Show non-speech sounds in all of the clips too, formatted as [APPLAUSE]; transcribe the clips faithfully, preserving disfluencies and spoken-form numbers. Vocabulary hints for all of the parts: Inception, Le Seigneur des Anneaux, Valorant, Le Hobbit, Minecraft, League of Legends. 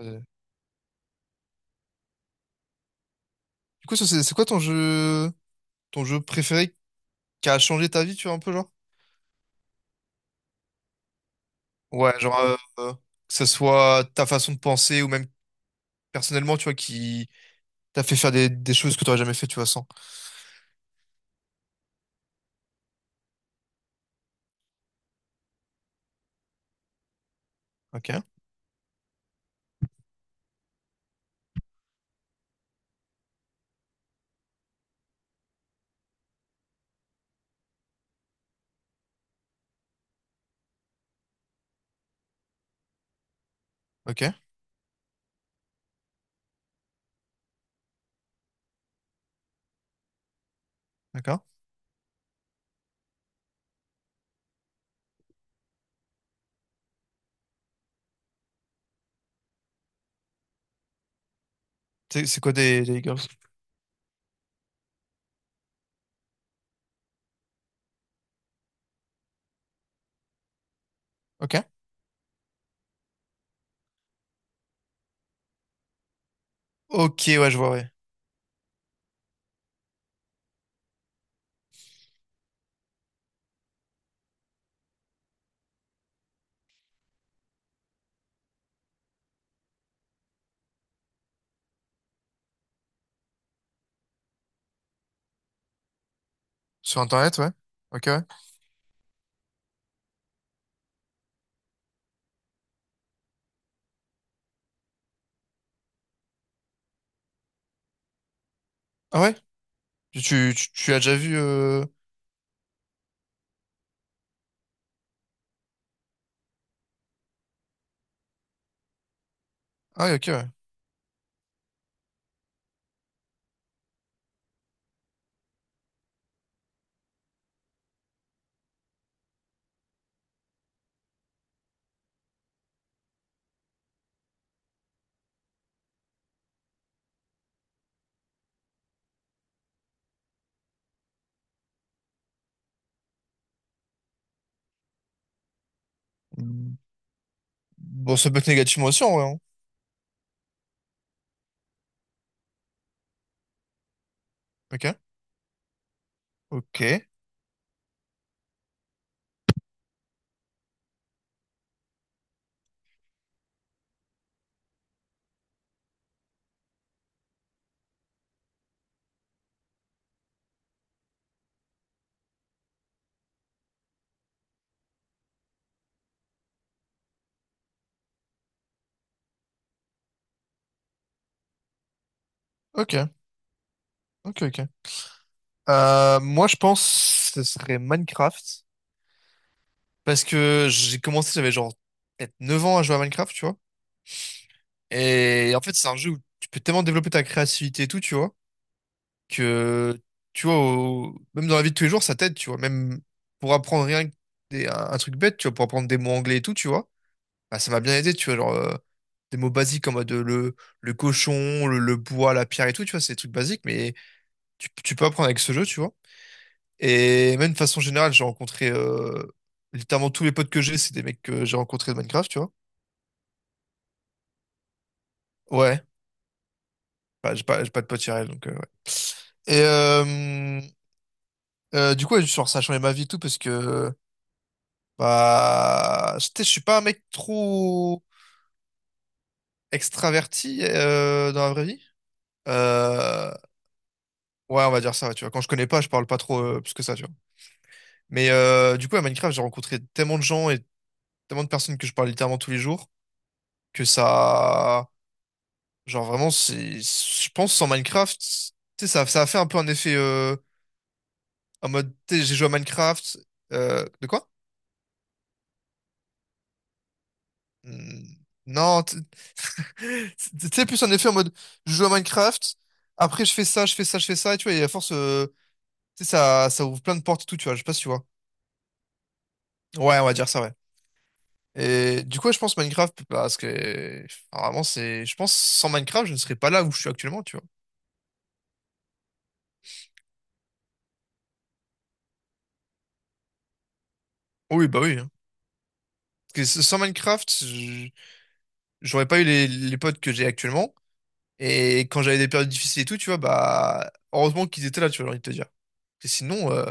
Euh, Du coup, ça, c'est c'est quoi ton jeu, ton jeu préféré qui a changé ta vie, tu vois, un peu, genre? Ouais, genre, euh, euh, que ce soit ta façon de penser ou même personnellement, tu vois, qui t'a fait faire des, des choses que t'aurais jamais fait, tu vois, sans. Ok, ok, d'accord. C'est c'est quoi des, des Girls? Ok. Ok, ouais, je vois, ouais. Sur Internet, ouais. Ok, ouais. Ah ouais? Tu, tu, tu- tu as déjà vu... euh, Ah ouais, ok, ouais. Mm. Bon, ça peut être négativement aussi, en vrai, hein. Ok. Ok. Ok. Ok, ok. Euh, moi, je pense que ce serait Minecraft. Parce que j'ai commencé, j'avais genre peut-être neuf ans à jouer à Minecraft, tu vois. Et en fait, c'est un jeu où tu peux tellement développer ta créativité et tout, tu vois, que, tu vois, au- même dans la vie de tous les jours, ça t'aide, tu vois. Même pour apprendre rien que des- un, un truc bête, tu vois, pour apprendre des mots anglais et tout, tu vois. Bah, ça m'a bien aidé, tu vois, genre euh, des mots basiques en mode euh, le, le cochon, le, le bois, la pierre et tout, tu vois, c'est des trucs basiques, mais tu, tu peux apprendre avec ce jeu, tu vois. Et même de façon générale, j'ai rencontré euh, littéralement tous les potes que j'ai, c'est des mecs que j'ai rencontrés de Minecraft, tu vois. Ouais. Bah, j'ai pas, j'ai pas de pote Irel, donc euh, ouais. Et euh, euh, du coup, ouais, genre, ça a changé ma vie et tout parce que bah, je sais, je suis pas un mec trop extraverti euh, dans la vraie vie. Euh, ouais, on va dire ça, ouais, tu vois. Quand je connais pas, je parle pas trop euh, plus que ça, tu vois. Mais euh, du coup, à Minecraft, j'ai rencontré tellement de gens et tellement de personnes que je parle littéralement tous les jours que ça, genre vraiment, c'est, je pense sans Minecraft, tu sais, ça, ça a fait un peu un effet euh, en mode, tu sais, j'ai joué à Minecraft. Euh, de quoi? Hmm. Non, tu [LAUGHS] tu- sais, plus en effet en mode, je joue à Minecraft, après je fais ça, je fais ça, je fais ça, et tu vois, et à force, euh, tu sais, ça, ça ouvre plein de portes et tout, tu vois, je sais pas si tu vois. Ouais, on va dire ça, ouais. Et du coup, ouais, je pense Minecraft, parce que enfin, vraiment, c'est. Je pense sans Minecraft, je ne serais pas là où je suis actuellement, tu vois. Oui, bah oui, hein. Parce que sans Minecraft, je- j'aurais pas eu les, les potes que j'ai actuellement. Et quand j'avais des périodes difficiles et tout, tu vois, bah, heureusement qu'ils étaient là, tu vois, j'ai envie de te dire. Parce que sinon, euh,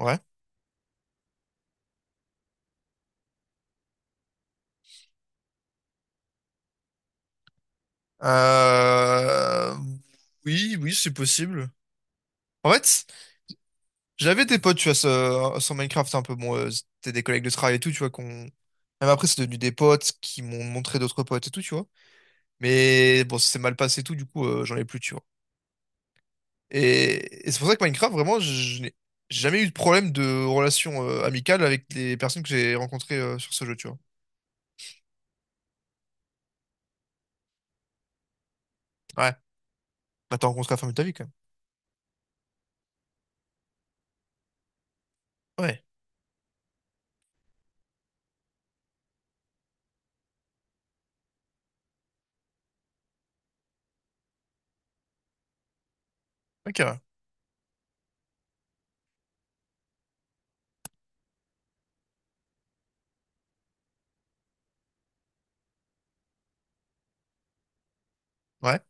ouais. Euh, oui, oui, c'est possible. En fait, j'avais des potes, tu vois, sur, sur Minecraft un peu. Bon, euh, c'était des collègues de travail et tout, tu vois, qu'on... Même après, c'est devenu des potes qui m'ont montré d'autres potes et tout, tu vois. Mais bon, ça s'est mal passé et tout, du coup, euh, j'en ai plus, tu vois. Et, et c'est pour ça que Minecraft, vraiment, je, je n'ai jamais eu de problème de relation euh, amicale avec les personnes que j'ai rencontrées euh, sur ce jeu, tu vois. Ouais. Bah, t'as rencontré la femme de ta vie, quand même. Ouais. Ok, ouais. Ouais.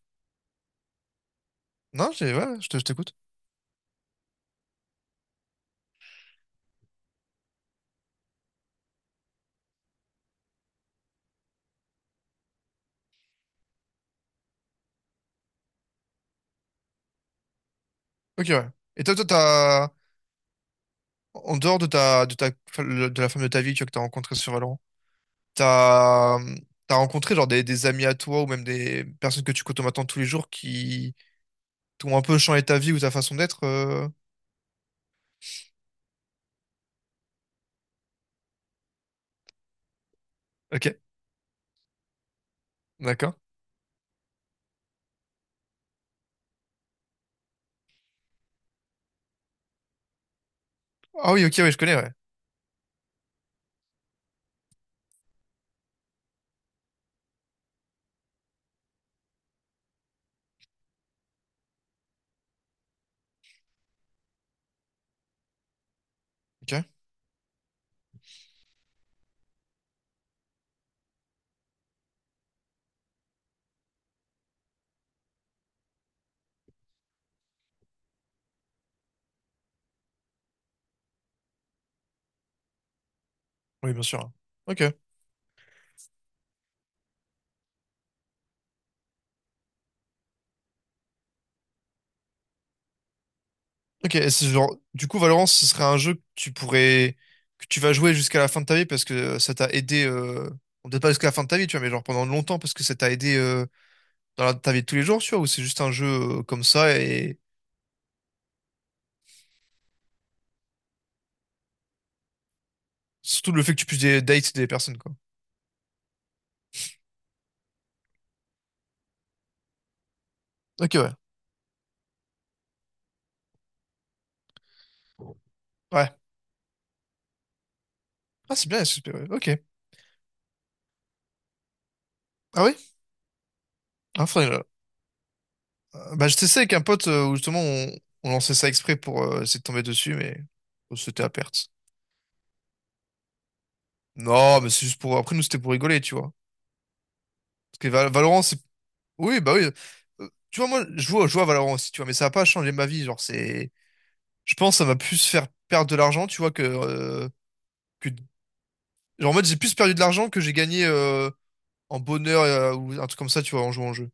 Non, j'ai... Ouais, je te- je t'écoute. Ok, ouais. Et toi, toi, t'as... En dehors de ta, de ta, de la femme de ta vie, tu vois, que t'as rencontrée sur Valorant, t'as, t'as rencontré genre des, des amis à toi ou même des personnes que tu côtoies maintenant tous les jours qui t'ont un peu changé ta vie ou ta façon d'être. Euh, ok, d'accord. Ah oui, ok, oui, je connais, ouais. Ok, oui, bien sûr. Ok, ok. Et c'est genre, du coup, Valorant, ce serait un jeu que tu pourrais, que tu vas jouer jusqu'à la fin de ta vie parce que euh, ça t'a aidé. Euh... bon, peut-être pas jusqu'à la fin de ta vie, tu vois, mais genre pendant longtemps parce que ça t'a aidé euh, dans la- ta vie de tous les jours, tu vois, ou c'est juste un jeu euh, comme ça et surtout le fait que tu puisses des dates des personnes, quoi. Ok, ouais. Ouais. Ah, c'est bien, S S P, ouais. Ok. Ah oui? Ah, faudrait je- euh, bah, je testais avec un pote euh, où justement on, on lançait ça exprès pour euh, essayer de tomber dessus, mais oh, c'était à perte. Non, mais c'est juste pour. Après, nous, c'était pour rigoler, tu vois. Parce que Val- Valorant, c'est. Oui, bah oui. Euh, tu vois, moi, je joue, je joue à Valorant aussi, tu vois, mais ça va pas changé ma vie. Genre, c'est. Je pense que ça m'a plus faire perdre de l'argent, tu vois, que, euh, que. Genre, en mode, j'ai plus perdu de l'argent que j'ai gagné euh, en bonheur euh, ou un truc comme ça, tu vois, en jouant en jeu.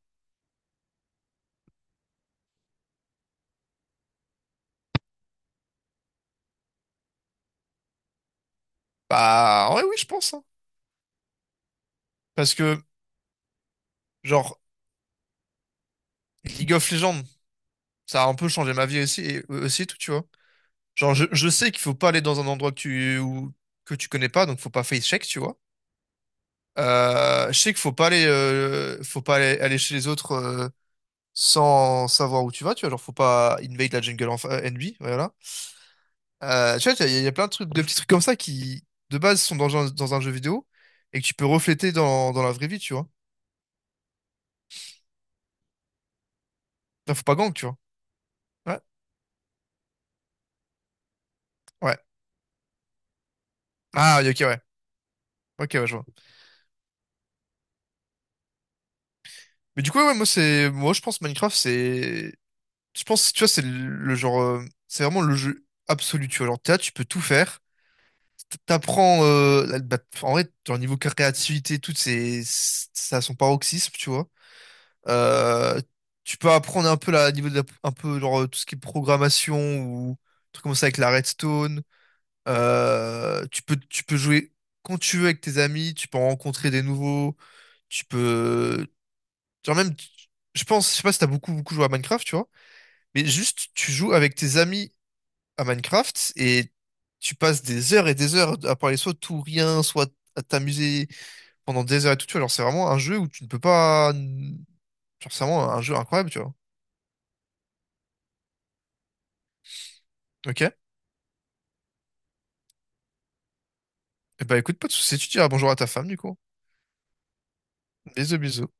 Bah, ouais, oui, je pense, hein. Parce que, genre, League of Legends, ça a un peu changé ma vie aussi, et, euh, aussi et tout, tu vois. Genre, je, je sais qu'il faut pas aller dans un endroit que tu, ou- que tu connais pas, donc faut pas face check, tu vois. Euh, je sais qu'il faut pas aller, euh, faut pas aller, aller chez les autres euh, sans savoir où tu vas, tu vois. Genre, faut pas invade la jungle en euh, N B, voilà. Euh, tu vois, il y, a il y a plein de trucs, de petits trucs comme ça qui, de base, sont dans, un- dans un jeu vidéo et que tu peux refléter dans, dans la vraie vie, tu vois. Là, faut pas gang, tu vois. Ouais, ouais. Ah, oui, ok, ouais. Ok, ouais, je vois. Mais du coup, ouais, moi, c'est, moi, je pense Minecraft, c'est, je pense, tu vois, c'est le, genre, euh, c'est vraiment le jeu absolu, tu vois. Genre, t'es là, tu peux tout faire. T'apprends, euh, la- bah, en vrai, genre, niveau créativité, tout, c'est, ça a son paroxysme, tu vois. Euh, tu peux apprendre un peu là, niveau de la- un peu, genre, euh, tout ce qui est programmation ou truc comme ça avec la redstone. Euh, tu peux, tu peux jouer quand tu veux avec tes amis, tu peux en rencontrer des nouveaux, tu peux, genre même, tu- je pense, je sais pas si t'as beaucoup, beaucoup joué à Minecraft, tu vois, mais juste, tu joues avec tes amis à Minecraft et tu passes des heures et des heures à parler soit de tout rien, soit à t'amuser pendant des heures et tout, tu vois. Genre, c'est vraiment un jeu où tu ne peux pas... Genre, c'est vraiment un jeu incroyable, tu vois. Ok? Et bah écoute, pas de soucis, tu diras bonjour à ta femme, du coup. Bisous, bisous.